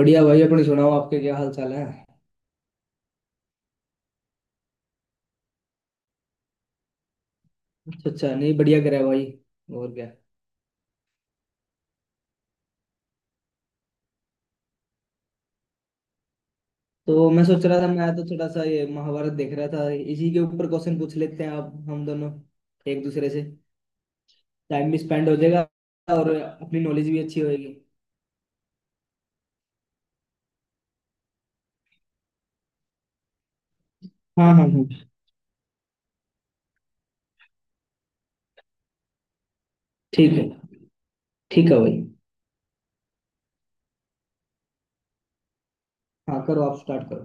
बढ़िया भाई। अपनी सुनाओ। आपके क्या हाल चाल है। अच्छा अच्छा, नहीं बढ़िया करा भाई। और क्या। तो मैं सोच रहा था, मैं तो थोड़ा सा ये महाभारत देख रहा था। इसी के ऊपर क्वेश्चन पूछ लेते हैं आप हम दोनों एक दूसरे से। टाइम भी स्पेंड हो जाएगा और अपनी नॉलेज भी अच्छी होगी। हाँ हाँ हाँ। ठीक है, ठीक है भाई। हाँ करो, आप स्टार्ट करो।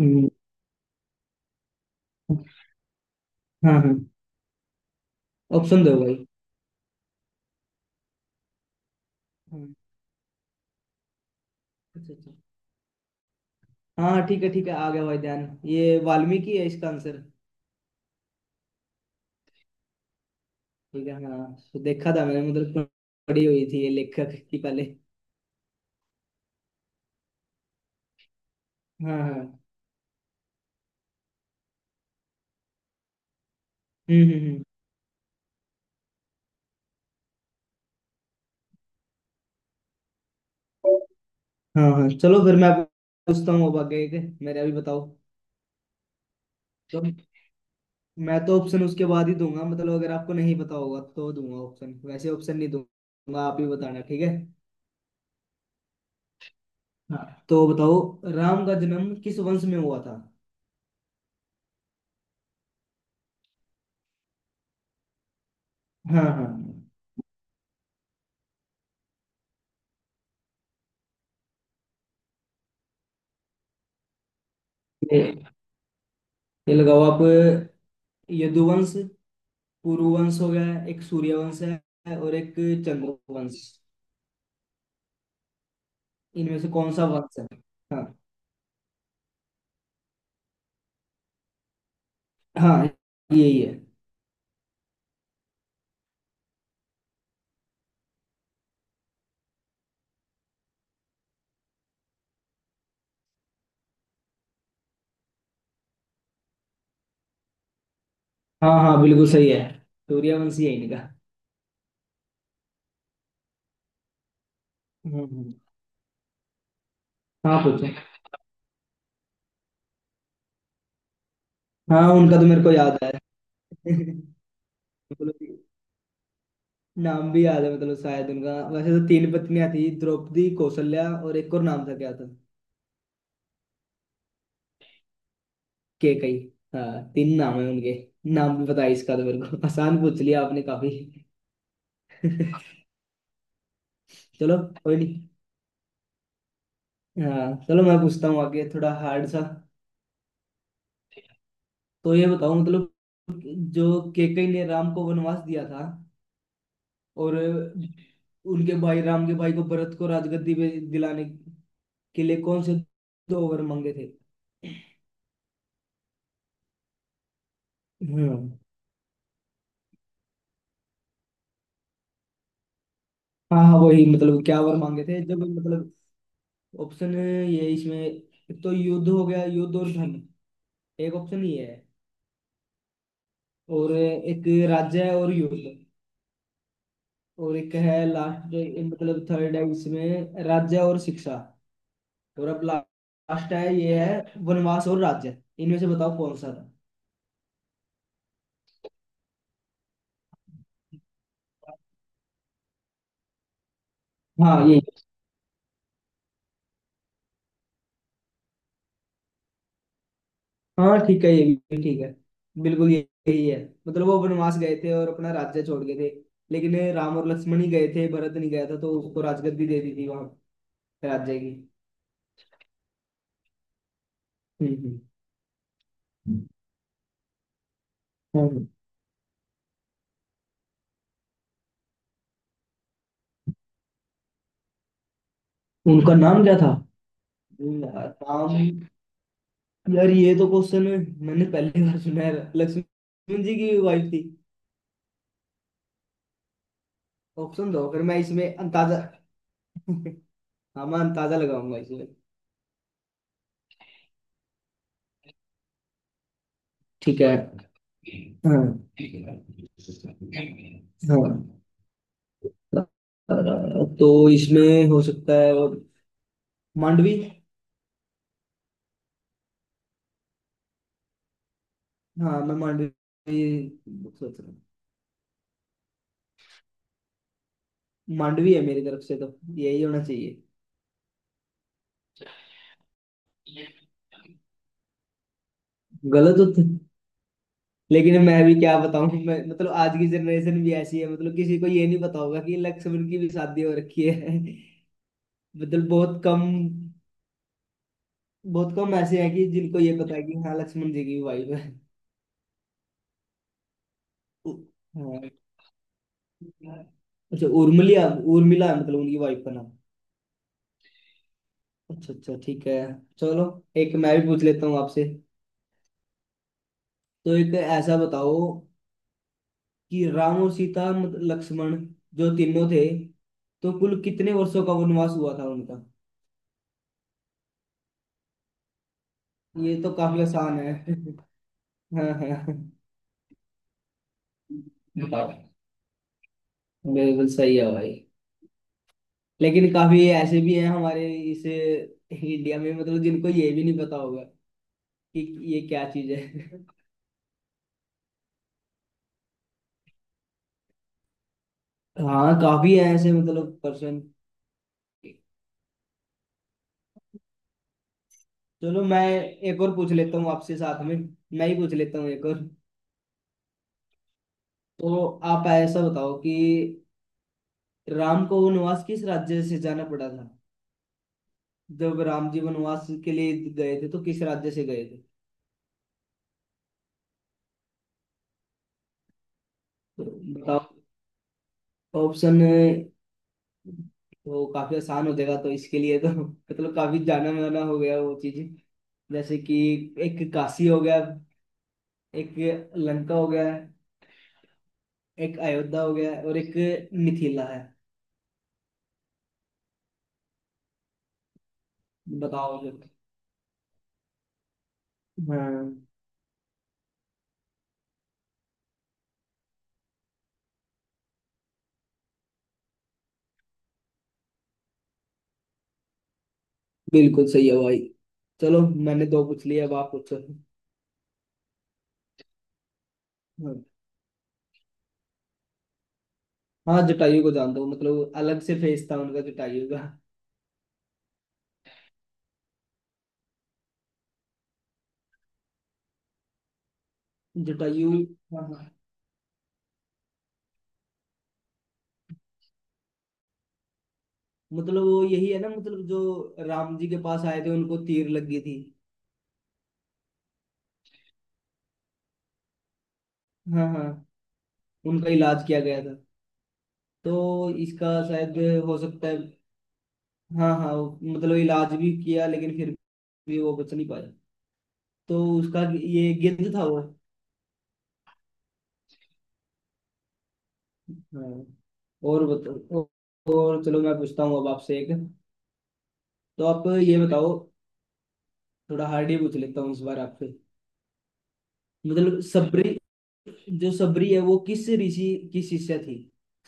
हम्म, हाँ हाँ। ऑप्शन दो भाई। हाँ। अच्छा अच्छा। हाँ ठीक है, ठीक है, आ गया भाई ध्यान। ये वाल्मीकि है इसका आंसर। ठीक है। हाँ तो देखा था मैंने, मतलब पढ़ी हुई थी ये लेखक की पहले। हाँ हाँ। हम्म। हम्म। हाँ हाँ चलो, फिर मैं आपको पूछता हूँ अब आगे एक, मेरे अभी बताओ। तो मैं तो ऑप्शन उसके बाद ही दूंगा, मतलब अगर आपको नहीं पता होगा तो दूंगा ऑप्शन, वैसे ऑप्शन नहीं दूंगा। आप ही बताना। ठीक है। हाँ तो बताओ, राम का जन्म किस वंश में हुआ था। हाँ हाँ। ये ये लगाओ आप। यदुवंश, पुरुवंश हो गया, एक सूर्यवंश है और एक चंद्रवंश। इनमें से कौन सा वंश है। हाँ हाँ, यही है। हाँ हाँ बिल्कुल सही है। सूर्यवंशी है इनका। हम्म। हाँ पूछो। हाँ, उनका तो मेरे को याद है। मतलब नाम भी याद है, मतलब शायद उनका, वैसे तो तीन पत्नियां थी, द्रौपदी, कौशल्या और एक और, नाम था क्या था। केकई। हाँ, तीन नाम है उनके। नाम भी पता है इसका, तो मेरे को आसान पूछ लिया आपने काफी। चलो, कोई नहीं। हाँ चलो मैं पूछता हूँ आगे थोड़ा हार्ड सा। तो ये बताओ, मतलब जो केकई ने राम को वनवास दिया था, और उनके भाई, राम के भाई को, भरत को राजगद्दी पे दिलाने के लिए कौन से दो वर मांगे थे। हम्म। हाँ हाँ वही, मतलब क्या वर मांगे थे, जब मतलब ऑप्शन। ये इसमें तो, युद्ध हो गया, युद्ध और धन, एक ऑप्शन ये है। और एक राज्य है और युद्ध। और एक है लास्ट, मतलब थर्ड है इसमें, राज्य और शिक्षा। और अब लास्ट है ये, है वनवास और राज्य। इनमें से बताओ कौन सा था। हाँ ये। हाँ ठीक है, ये भी ठीक है। बिल्कुल यही है। मतलब वो वनवास गए थे और अपना राज्य छोड़ गए थे। लेकिन राम और लक्ष्मण ही गए थे, भरत नहीं गया था, तो उसको राजगद्दी दे दी थी वहां राज्य की। हम्म हम्म। हाँ। उनका नाम क्या था। यार नाम। यार, ये तो क्वेश्चन मैंने पहली बार सुना है, लक्ष्मण जी की वाइफ थी। ऑप्शन दो, फिर मैं इसमें अंदाजा। हाँ मैं अंदाजा लगाऊंगा इसमें। ठीक है। हाँ हाँ। अ, तो इसमें हो सकता है और मांडवी। हाँ मैं मांडवी सोच रहा हूँ, मांडवी है मेरी तरफ से, तो यही होना चाहिए। गलत हो तो-। लेकिन मैं भी क्या बताऊं, मैं मतलब आज की जनरेशन भी ऐसी है, मतलब किसी को ये नहीं पता होगा कि लक्ष्मण की भी शादी हो रखी है। मतलब बहुत कम। बहुत कम ऐसे हैं कि जिनको ये पता है कि हाँ लक्ष्मण जी की वाइफ है। उ- हाँ, अच्छा उर्मिला। उर्मिला है मतलब उनकी वाइफ का नाम। अच्छा अच्छा, ठीक है चलो। एक मैं भी पूछ लेता हूँ आपसे। तो एक ऐसा बताओ कि राम और सीता लक्ष्मण, जो तीनों थे, तो कुल कितने वर्षों का वनवास हुआ था उनका। ये तो काफी आसान है। हाँ हाँ बताओ। बिल्कुल सही है भाई। लेकिन काफी ऐसे भी हैं हमारे इस इंडिया में, मतलब जिनको ये भी नहीं पता होगा कि ये क्या चीज है। हाँ काफी है ऐसे मतलब पर्सन। चलो, मैं एक और पूछ लेता हूँ आपसे साथ में, मैं ही पूछ लेता हूँ एक और। तो आप ऐसा बताओ कि राम को वनवास किस राज्य से जाना पड़ा था। जब राम जी वनवास के लिए गए थे, तो किस राज्य से गए थे। तो बताओ ऑप्शन। तो काफी आसान हो जाएगा, तो इसके लिए तो मतलब काफी जाना माना हो गया वो चीज। जैसे कि एक काशी हो गया, एक लंका हो गया, एक अयोध्या हो गया और एक मिथिला है। बताओ जरा। हाँ बिल्कुल सही है भाई। चलो, मैंने दो पूछ लिए, अब आप पूछो। हाँ जटायु को जानता हूँ, मतलब अलग से फेस था उनका जटायु का। जटायु, हाँ हाँ। मतलब वो यही है ना, मतलब जो राम जी के पास आए थे, उनको तीर लगी थी। हाँ हाँ, उनका इलाज किया गया था। तो इसका शायद हो सकता है। हाँ हाँ, मतलब इलाज भी किया, लेकिन फिर भी वो बच नहीं पाया। तो उसका ये गिद्ध था वो। हाँ, और बताओ। और चलो मैं पूछता हूँ अब आपसे एक। तो आप ये बताओ, थोड़ा हार्ड ही पूछ लेता हूँ इस बार आपसे। मतलब सबरी, जो सबरी है वो किस ऋषि की शिष्या थी।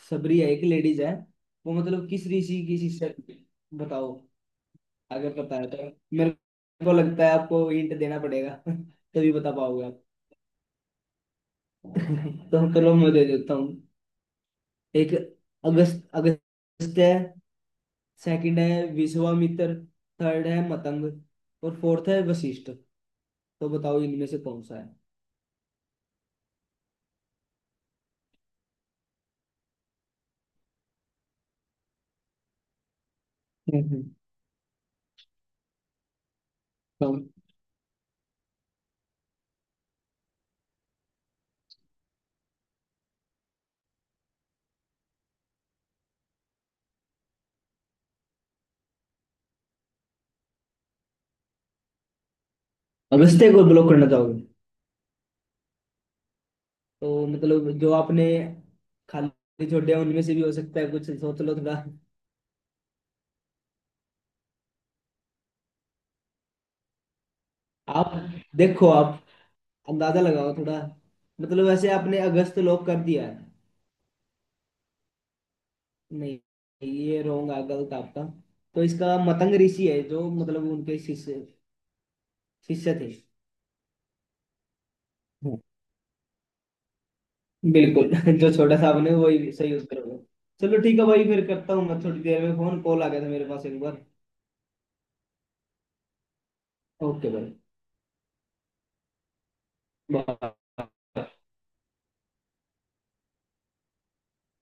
सबरी है, एक लेडीज है वो, मतलब किस ऋषि की शिष्या थी बताओ। अगर पता है तो मेरे को लगता है आपको हिंट देना पड़ेगा तभी बता पाओगे आप। तो चलो मैं दे देता हूँ। एक अगस्त, अगस्त है। सेकंड है विश्वामित्र। थर्ड है मतंग। और फोर्थ है वशिष्ठ। तो बताओ इनमें से कौन सा है। हम्म, हम्म। अगस्त्य को ब्लॉक करना चाहोगे। तो मतलब जो आपने खाली छोड़े हैं, उनमें से भी हो सकता है कुछ, सोच लो थोड़ा। आप देखो, आप अंदाजा लगाओ थोड़ा। मतलब वैसे आपने अगस्त लोक कर दिया है। नहीं ये रॉन्ग है, गलत आपका। तो इसका मतंग ऋषि है, जो मतलब उनके शिष्य शिष्य थे। बिल्कुल। जो छोटा सा आपने, वही सही उत्तर होगा। चलो ठीक है भाई, फिर करता हूँ मैं थोड़ी देर में, फोन कॉल आ गया था मेरे पास एक बार। ओके भाई। Bye.